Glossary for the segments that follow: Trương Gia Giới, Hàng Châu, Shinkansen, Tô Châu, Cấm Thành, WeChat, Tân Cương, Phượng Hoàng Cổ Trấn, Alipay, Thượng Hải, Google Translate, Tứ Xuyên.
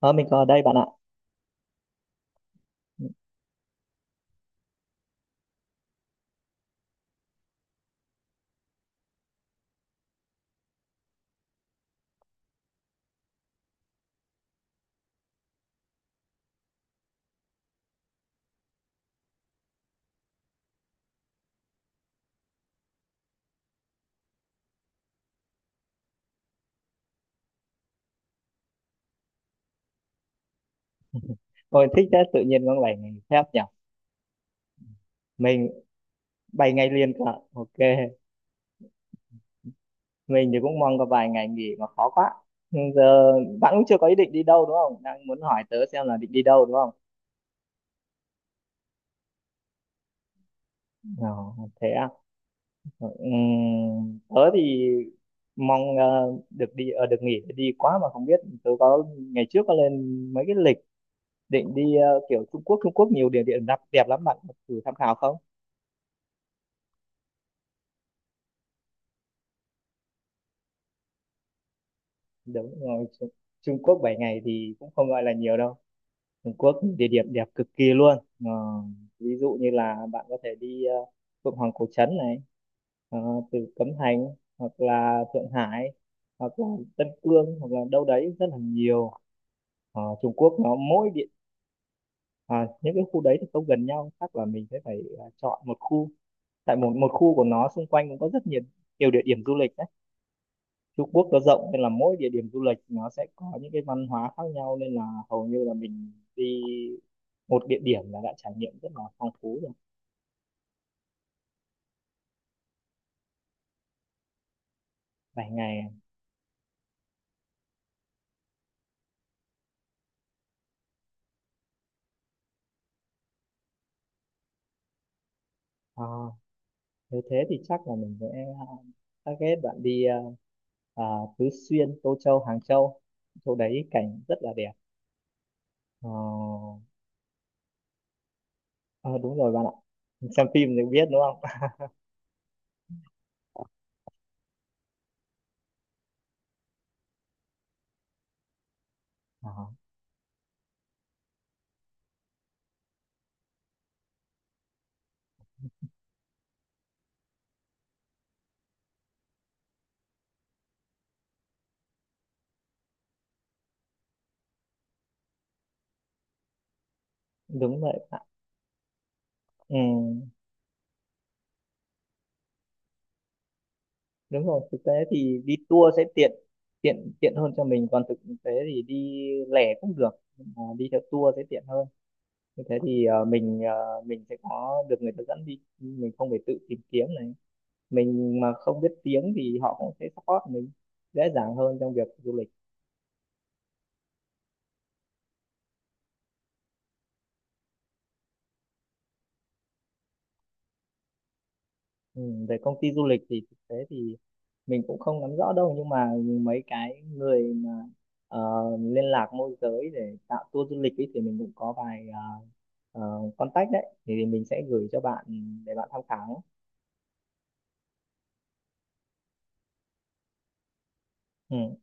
Ờ, mình có ở đây bạn ạ. Ừ, ôi, thích thế, tự nhiên có 7 ngày phép nhỉ. Mình 7 ngày liền cả. Ok, mình thì cũng mong có vài ngày nghỉ mà khó quá. Nhưng giờ bạn cũng chưa có ý định đi đâu đúng không? Đang muốn hỏi tớ xem là định đi đâu đúng không? Ờ, Thế à. Tớ thì mong được đi được nghỉ để đi quá, mà không biết tớ có ngày trước có lên mấy cái lịch định đi, kiểu Trung Quốc. Trung Quốc nhiều địa điểm đẹp đẹp lắm, bạn có thử tham khảo không? Đúng rồi. Trung Quốc 7 ngày thì cũng không gọi là nhiều đâu. Trung Quốc địa điểm đẹp cực kỳ luôn. Ờ, Ví dụ như là bạn có thể đi Phượng Hoàng Cổ Trấn này, ờ, từ Cấm Thành, hoặc là Thượng Hải, hoặc là Tân Cương, hoặc là đâu đấy rất là nhiều. Trung Quốc nó mỗi địa... Những cái khu đấy thì không gần nhau, chắc là mình sẽ phải chọn một khu. Tại một một khu của nó xung quanh cũng có rất nhiều nhiều địa điểm du lịch đấy. Trung Quốc nó rộng nên là mỗi địa điểm du lịch nó sẽ có những cái văn hóa khác nhau, nên là hầu như là mình đi một địa điểm là đã trải nghiệm rất là phong phú rồi. Vài ngày. à, Nếu thế thì chắc là mình sẽ à, target bạn đi à, Tứ Xuyên, Tô Châu, Hàng Châu. Chỗ đấy cảnh rất là đẹp. Ờ, Ờ, Đúng rồi bạn ạ. Xem phim thì biết đúng không? Ờ, Đúng vậy bạn. Ừ, đúng rồi. Thực tế thì đi tour sẽ tiện tiện tiện hơn cho mình. Còn thực tế thì đi lẻ cũng được. Nhưng mà đi theo tour sẽ tiện hơn. Như thế thì mình sẽ có được người ta dẫn đi. Mình không phải tự tìm kiếm này. Mình mà không biết tiếng thì họ cũng sẽ support mình dễ dàng hơn trong việc du lịch. Ừ, về công ty du lịch thì thực tế thì mình cũng không nắm rõ đâu, nhưng mà mấy cái người mà ờ, liên lạc môi giới để tạo tour du lịch ấy, thì mình cũng có vài, contact đấy thì mình sẽ gửi cho bạn để bạn tham khảo. Ừ,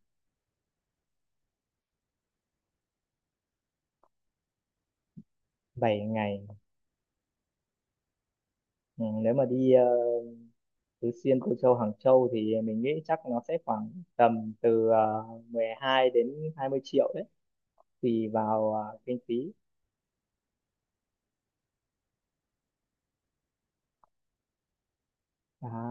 7 ngày. Ừ, nếu mà đi Tứ Xuyên, Cô Châu, Hàng Châu thì mình nghĩ chắc nó sẽ khoảng tầm từ 12 đến 20 triệu đấy, tùy vào kinh phí. à,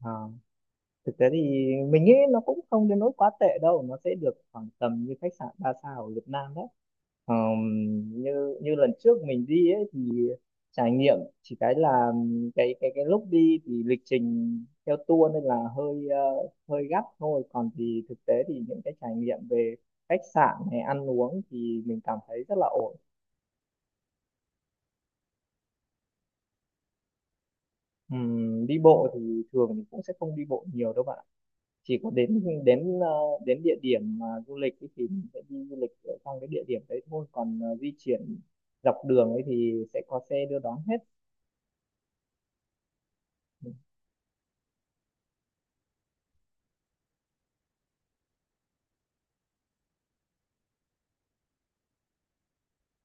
à. Thực tế thì mình nghĩ nó cũng không đến nỗi quá tệ đâu, nó sẽ được khoảng tầm như khách sạn 3 sao ở Việt Nam đấy. Ờm, như như lần trước mình đi ấy thì trải nghiệm chỉ cái là cái lúc đi thì lịch trình theo tour nên là hơi gấp thôi, còn thì thực tế thì những cái trải nghiệm về khách sạn hay ăn uống thì mình cảm thấy rất là ổn. Đi bộ thì thường mình cũng sẽ không đi bộ nhiều đâu bạn, chỉ có đến đến ờ, đến địa điểm mà du lịch ấy thì mình sẽ đi du lịch ở trong cái địa điểm đấy thôi, còn di chuyển dọc đường ấy thì sẽ có xe đưa đón hết.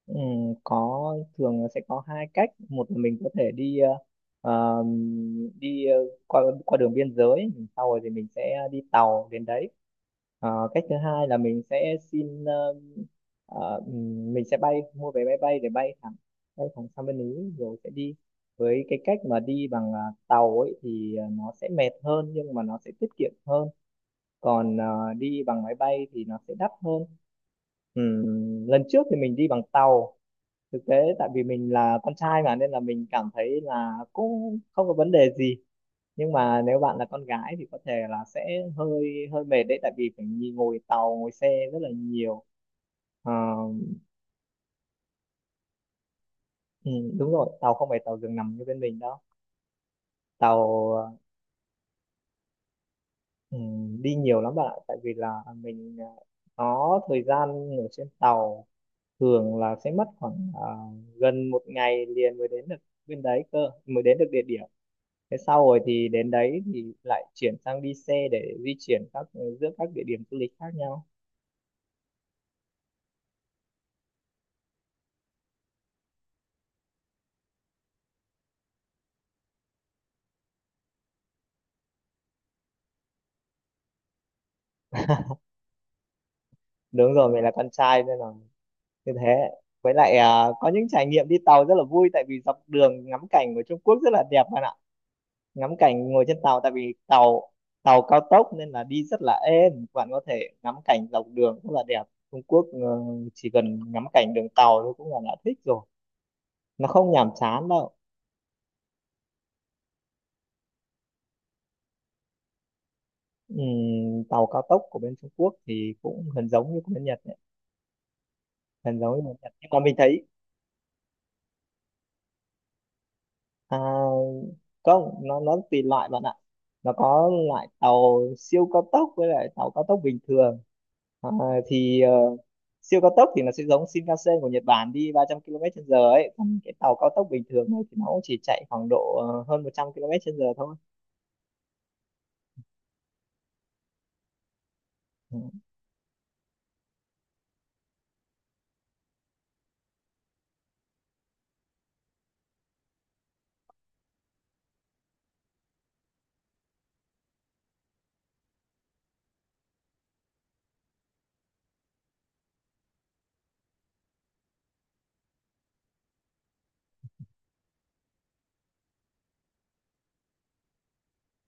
Ừ, có thường là sẽ có hai cách. Một là mình có thể đi ờ, qua qua đường biên giới, sau rồi thì mình sẽ đi tàu đến đấy. Cách thứ hai là mình sẽ xin mình sẽ bay mua vé máy bay để bay thẳng sang bên Ý rồi sẽ đi. Với cái cách mà đi bằng tàu ấy thì nó sẽ mệt hơn nhưng mà nó sẽ tiết kiệm hơn, còn đi bằng máy bay thì nó sẽ đắt hơn. Lần trước thì mình đi bằng tàu. Thực tế tại vì mình là con trai mà nên là mình cảm thấy là cũng không có vấn đề gì, nhưng mà nếu bạn là con gái thì có thể là sẽ hơi hơi mệt đấy, tại vì phải ngồi tàu ngồi xe rất là nhiều. Ờ, ừ, đúng rồi. Tàu không phải tàu giường nằm như bên mình đâu. Tàu, ừ, đi nhiều lắm bạn ạ, tại vì là mình có thời gian ở trên tàu, thường là sẽ mất khoảng gần một ngày liền mới đến được bên đấy cơ, mới đến được địa điểm. Thế sau rồi thì đến đấy thì lại chuyển sang đi xe để di chuyển các, giữa các địa điểm du lịch khác nhau. Đúng rồi, mình là con trai nên là như thế. Với lại có những trải nghiệm đi tàu rất là vui, tại vì dọc đường ngắm cảnh của Trung Quốc rất là đẹp bạn ạ. Ngắm cảnh ngồi trên tàu, tại vì tàu tàu cao tốc nên là đi rất là êm, bạn có thể ngắm cảnh dọc đường rất là đẹp. Trung Quốc chỉ cần ngắm cảnh đường tàu thôi cũng là đã thích rồi, nó không nhàm chán đâu. Tàu cao tốc của bên Trung Quốc thì cũng gần giống như của bên Nhật, hình giống như một Nhật, nhưng mà mình thấy à, không, nó tùy loại bạn ạ. Nó có loại tàu siêu cao tốc với lại tàu cao tốc bình thường. à, thì ờ, Siêu cao tốc thì nó sẽ giống Shinkansen của Nhật Bản, đi 300 km trên giờ ấy, còn cái tàu cao tốc bình thường ấy thì nó cũng chỉ chạy khoảng độ hơn 100 km trên giờ thôi. Ừ,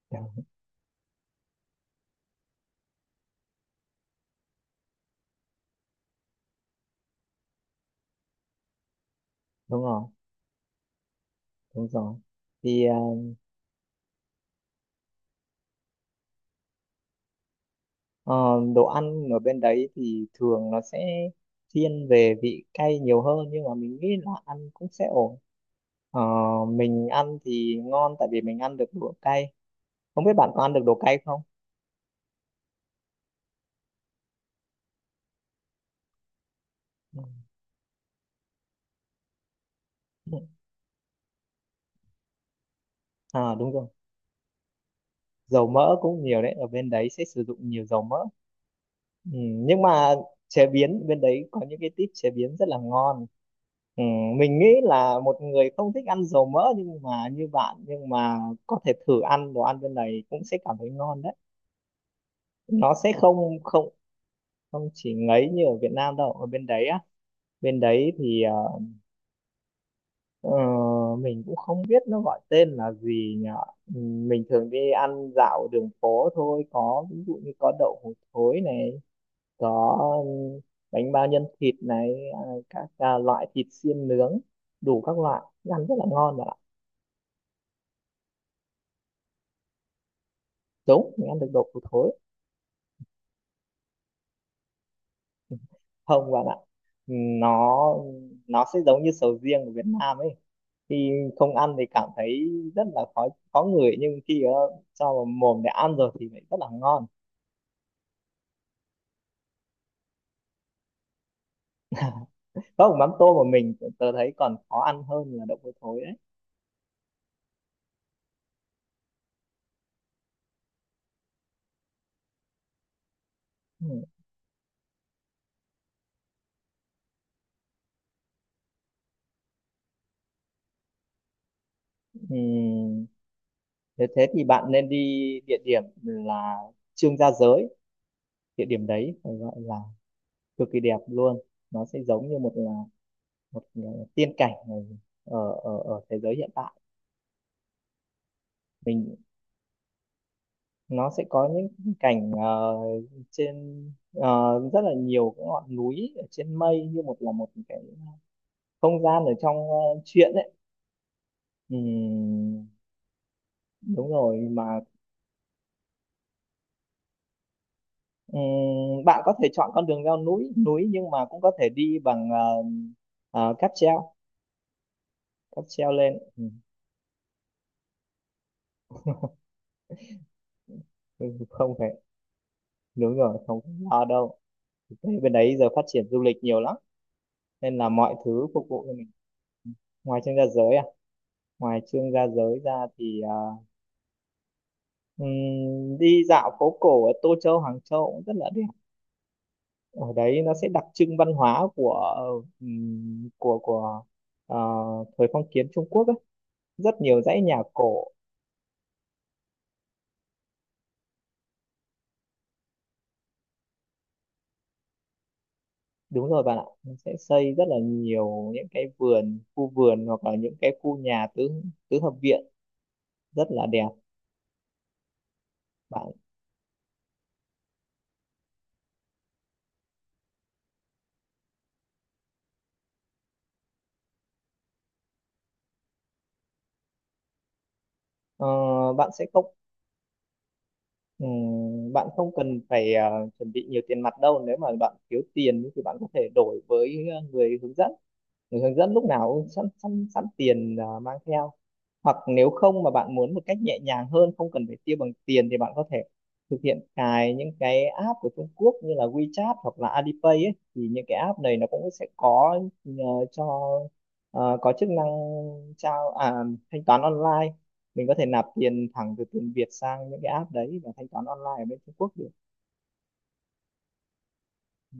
dạ, đúng rồi, đúng rồi. thì ờ, ờ, Đồ ăn ở bên đấy thì thường nó sẽ thiên về vị cay nhiều hơn, nhưng mà mình nghĩ là ăn cũng sẽ ổn. Ờ, mình ăn thì ngon tại vì mình ăn được đồ cay. Không biết bạn có ăn được đồ cay không? Ừ. À đúng rồi. Dầu mỡ cũng nhiều đấy. Ở bên đấy sẽ sử dụng nhiều dầu mỡ. Ừ, nhưng mà chế biến bên đấy có những cái tip chế biến rất là ngon. Ừ, mình nghĩ là một người không thích ăn dầu mỡ nhưng mà như bạn, nhưng mà có thể thử ăn đồ ăn bên này cũng sẽ cảm thấy ngon đấy. Nó sẽ không không không chỉ ngấy như ở Việt Nam đâu. Ở bên đấy á, bên đấy thì Ờ, mình cũng không biết nó gọi tên là gì nhở. Ừ, mình thường đi ăn dạo đường phố thôi, có ví dụ như có đậu hũ thối này, có, ừ, bánh bao nhân thịt này, các, loại thịt xiên nướng đủ các loại, ăn rất là ngon bạn ạ. Đúng, mình ăn được đậu hũ thối. Ừ, không bạn ạ. Ừ, nó nó sẽ giống như sầu riêng của Việt Nam ấy, khi không ăn thì cảm thấy rất là khó khó ngửi, nhưng khi cho vào mồm để ăn rồi thì lại rất là ngon. Không, mắm tôm mà mình tớ thấy còn khó ăn hơn là đậu hôi thối đấy. Ừ. Ừ. Thế thế thì bạn nên đi địa điểm là Trương Gia Giới. Địa điểm đấy phải gọi là cực kỳ đẹp luôn, nó sẽ giống như một là một tiên cảnh ở ở thế giới hiện tại. Mình, nó sẽ có những cảnh trên, rất là nhiều cái ngọn núi ở trên mây, như một là một cái không gian ở trong truyện ấy. Ừm, Đúng rồi mà. Bạn có thể chọn con đường leo núi núi nhưng mà cũng có thể đi bằng cáp treo, cáp treo lên. Ừ, không phải, đúng rồi không phải lo đâu. Thực tế bên đấy giờ phát triển du lịch nhiều lắm, nên là mọi thứ phục vụ cho mình. Ừ. ngoài chương gia giới à Ngoài Chương Gia Giới ra thì đi dạo phố cổ ở Tô Châu, Hàng Châu cũng rất là đẹp, ở đấy nó sẽ đặc trưng văn hóa của, của ờ, thời phong kiến Trung Quốc ấy. Rất nhiều dãy nhà cổ. Đúng rồi bạn ạ, nó sẽ xây rất là nhiều những cái vườn, khu vườn, hoặc là những cái khu nhà tứ tứ hợp viện rất là đẹp. Bạn ờ, bạn sẽ không bạn không cần phải chuẩn bị nhiều tiền mặt đâu, nếu mà bạn thiếu tiền thì bạn có thể đổi với người hướng dẫn. Người hướng dẫn lúc nào cũng sẵn sẵn sẵn tiền mang theo. Hoặc nếu không mà bạn muốn một cách nhẹ nhàng hơn, không cần phải tiêu bằng tiền, thì bạn có thể thực hiện cài những cái app của Trung Quốc như là WeChat hoặc là Alipay ấy, thì những cái app này nó cũng sẽ có nhờ cho có chức năng trao à, thanh toán online. Mình có thể nạp tiền thẳng từ tiền Việt sang những cái app đấy và thanh toán online ở bên Trung Quốc được. Ừ,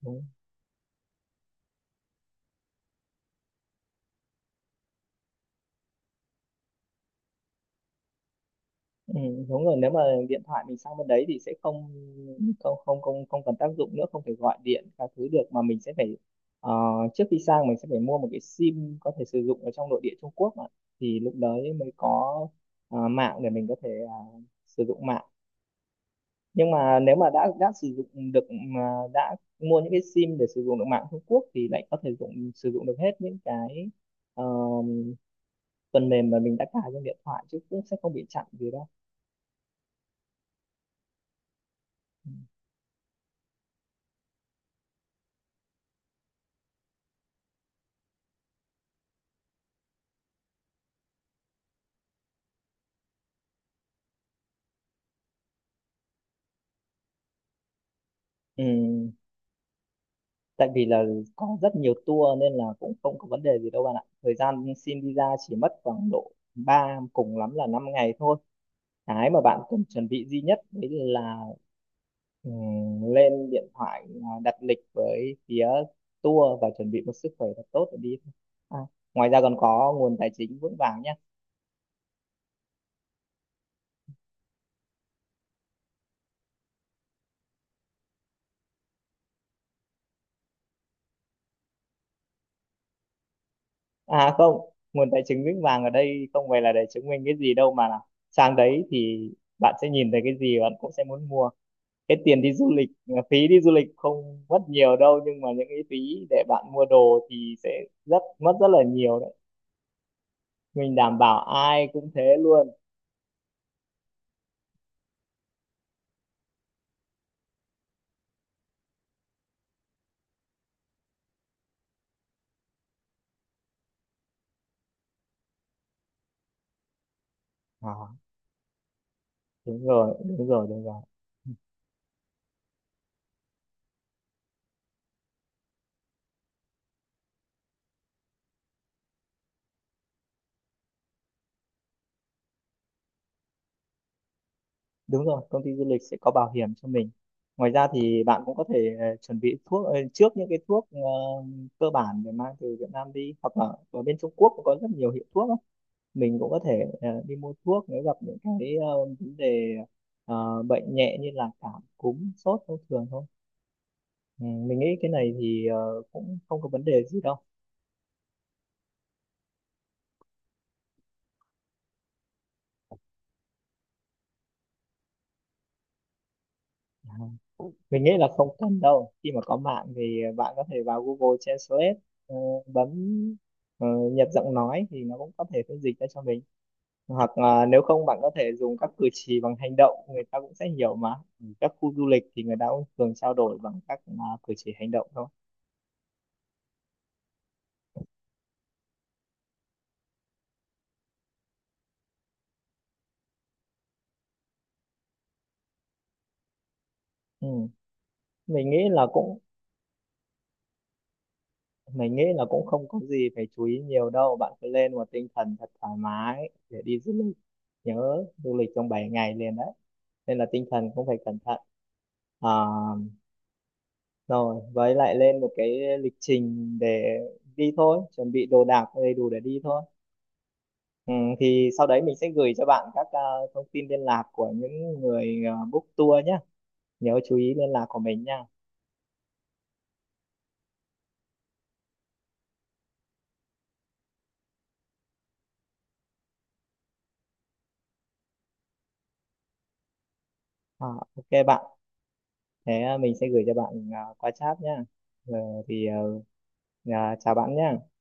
đúng. Ừ, đúng rồi, nếu mà điện thoại mình sang bên đấy thì sẽ không không không không không cần tác dụng nữa, không thể gọi điện các thứ được, mà mình sẽ phải, ờ, trước khi sang mình sẽ phải mua một cái sim có thể sử dụng ở trong nội địa Trung Quốc ạ. Thì lúc đấy mới có mạng để mình có thể sử dụng mạng. Nhưng mà nếu mà đã sử dụng được, mà đã mua những cái sim để sử dụng được mạng Trung Quốc, thì lại có thể dùng sử dụng được hết những cái ờ, phần mềm mà mình đã cài trên điện thoại chứ, cũng sẽ không bị chặn gì đâu. Ừ. Tại vì là có rất nhiều tour nên là cũng không có vấn đề gì đâu bạn ạ, thời gian xin visa chỉ mất khoảng độ ba, cùng lắm là 5 ngày thôi. Cái mà bạn cần chuẩn bị duy nhất đấy là lên điện thoại đặt lịch với phía tour, và chuẩn bị một sức khỏe thật tốt để đi thôi. à, ngoài ra còn có nguồn tài chính vững vàng nhé. À không, nguồn tài chính vững vàng ở đây không phải là để chứng minh cái gì đâu, mà là sang đấy thì bạn sẽ nhìn thấy cái gì bạn cũng sẽ muốn mua. Cái tiền đi du lịch, phí đi du lịch không mất nhiều đâu, nhưng mà những cái phí để bạn mua đồ thì sẽ rất mất rất là nhiều đấy. Mình đảm bảo ai cũng thế luôn. à, Đúng rồi, đúng rồi, đúng rồi, đúng rồi. Công ty du lịch sẽ có bảo hiểm cho mình. Ngoài ra thì bạn cũng có thể chuẩn bị thuốc, trước, những cái thuốc cơ bản để mang từ Việt Nam đi, hoặc là ở bên Trung Quốc cũng có rất nhiều hiệu thuốc, mình cũng có thể đi mua thuốc nếu gặp những cái vấn đề bệnh nhẹ như là cảm cúm sốt thông thường thôi. Ừ, mình nghĩ cái này thì cũng không có vấn đề gì đâu. À, mình nghĩ là không cần đâu, khi mà có mạng thì bạn có thể vào Google Translate, ờ, bấm ờ, nhập giọng nói thì nó cũng có thể phiên dịch ra cho mình. Hoặc là nếu không bạn có thể dùng các cử chỉ bằng hành động, người ta cũng sẽ hiểu mà. Các khu du lịch thì người ta cũng thường trao đổi bằng các cử chỉ hành động thôi. Ừ. mình nghĩ là cũng mình nghĩ là cũng không có gì phải chú ý nhiều đâu, bạn cứ lên một tinh thần thật thoải mái để đi du lịch. Nhớ du lịch trong 7 ngày liền đấy nên là tinh thần cũng phải cẩn thận. À, rồi với lại lên một cái lịch trình để đi thôi, chuẩn bị đồ đạc đầy đủ để đi thôi. Ừ, thì sau đấy mình sẽ gửi cho bạn các thông tin liên lạc của những người book tour nhé. Nhớ chú ý liên lạc của mình nha. À, ok bạn. Thế mình sẽ gửi cho bạn qua chat nhá. Ờ, thì à, chào bạn nhá.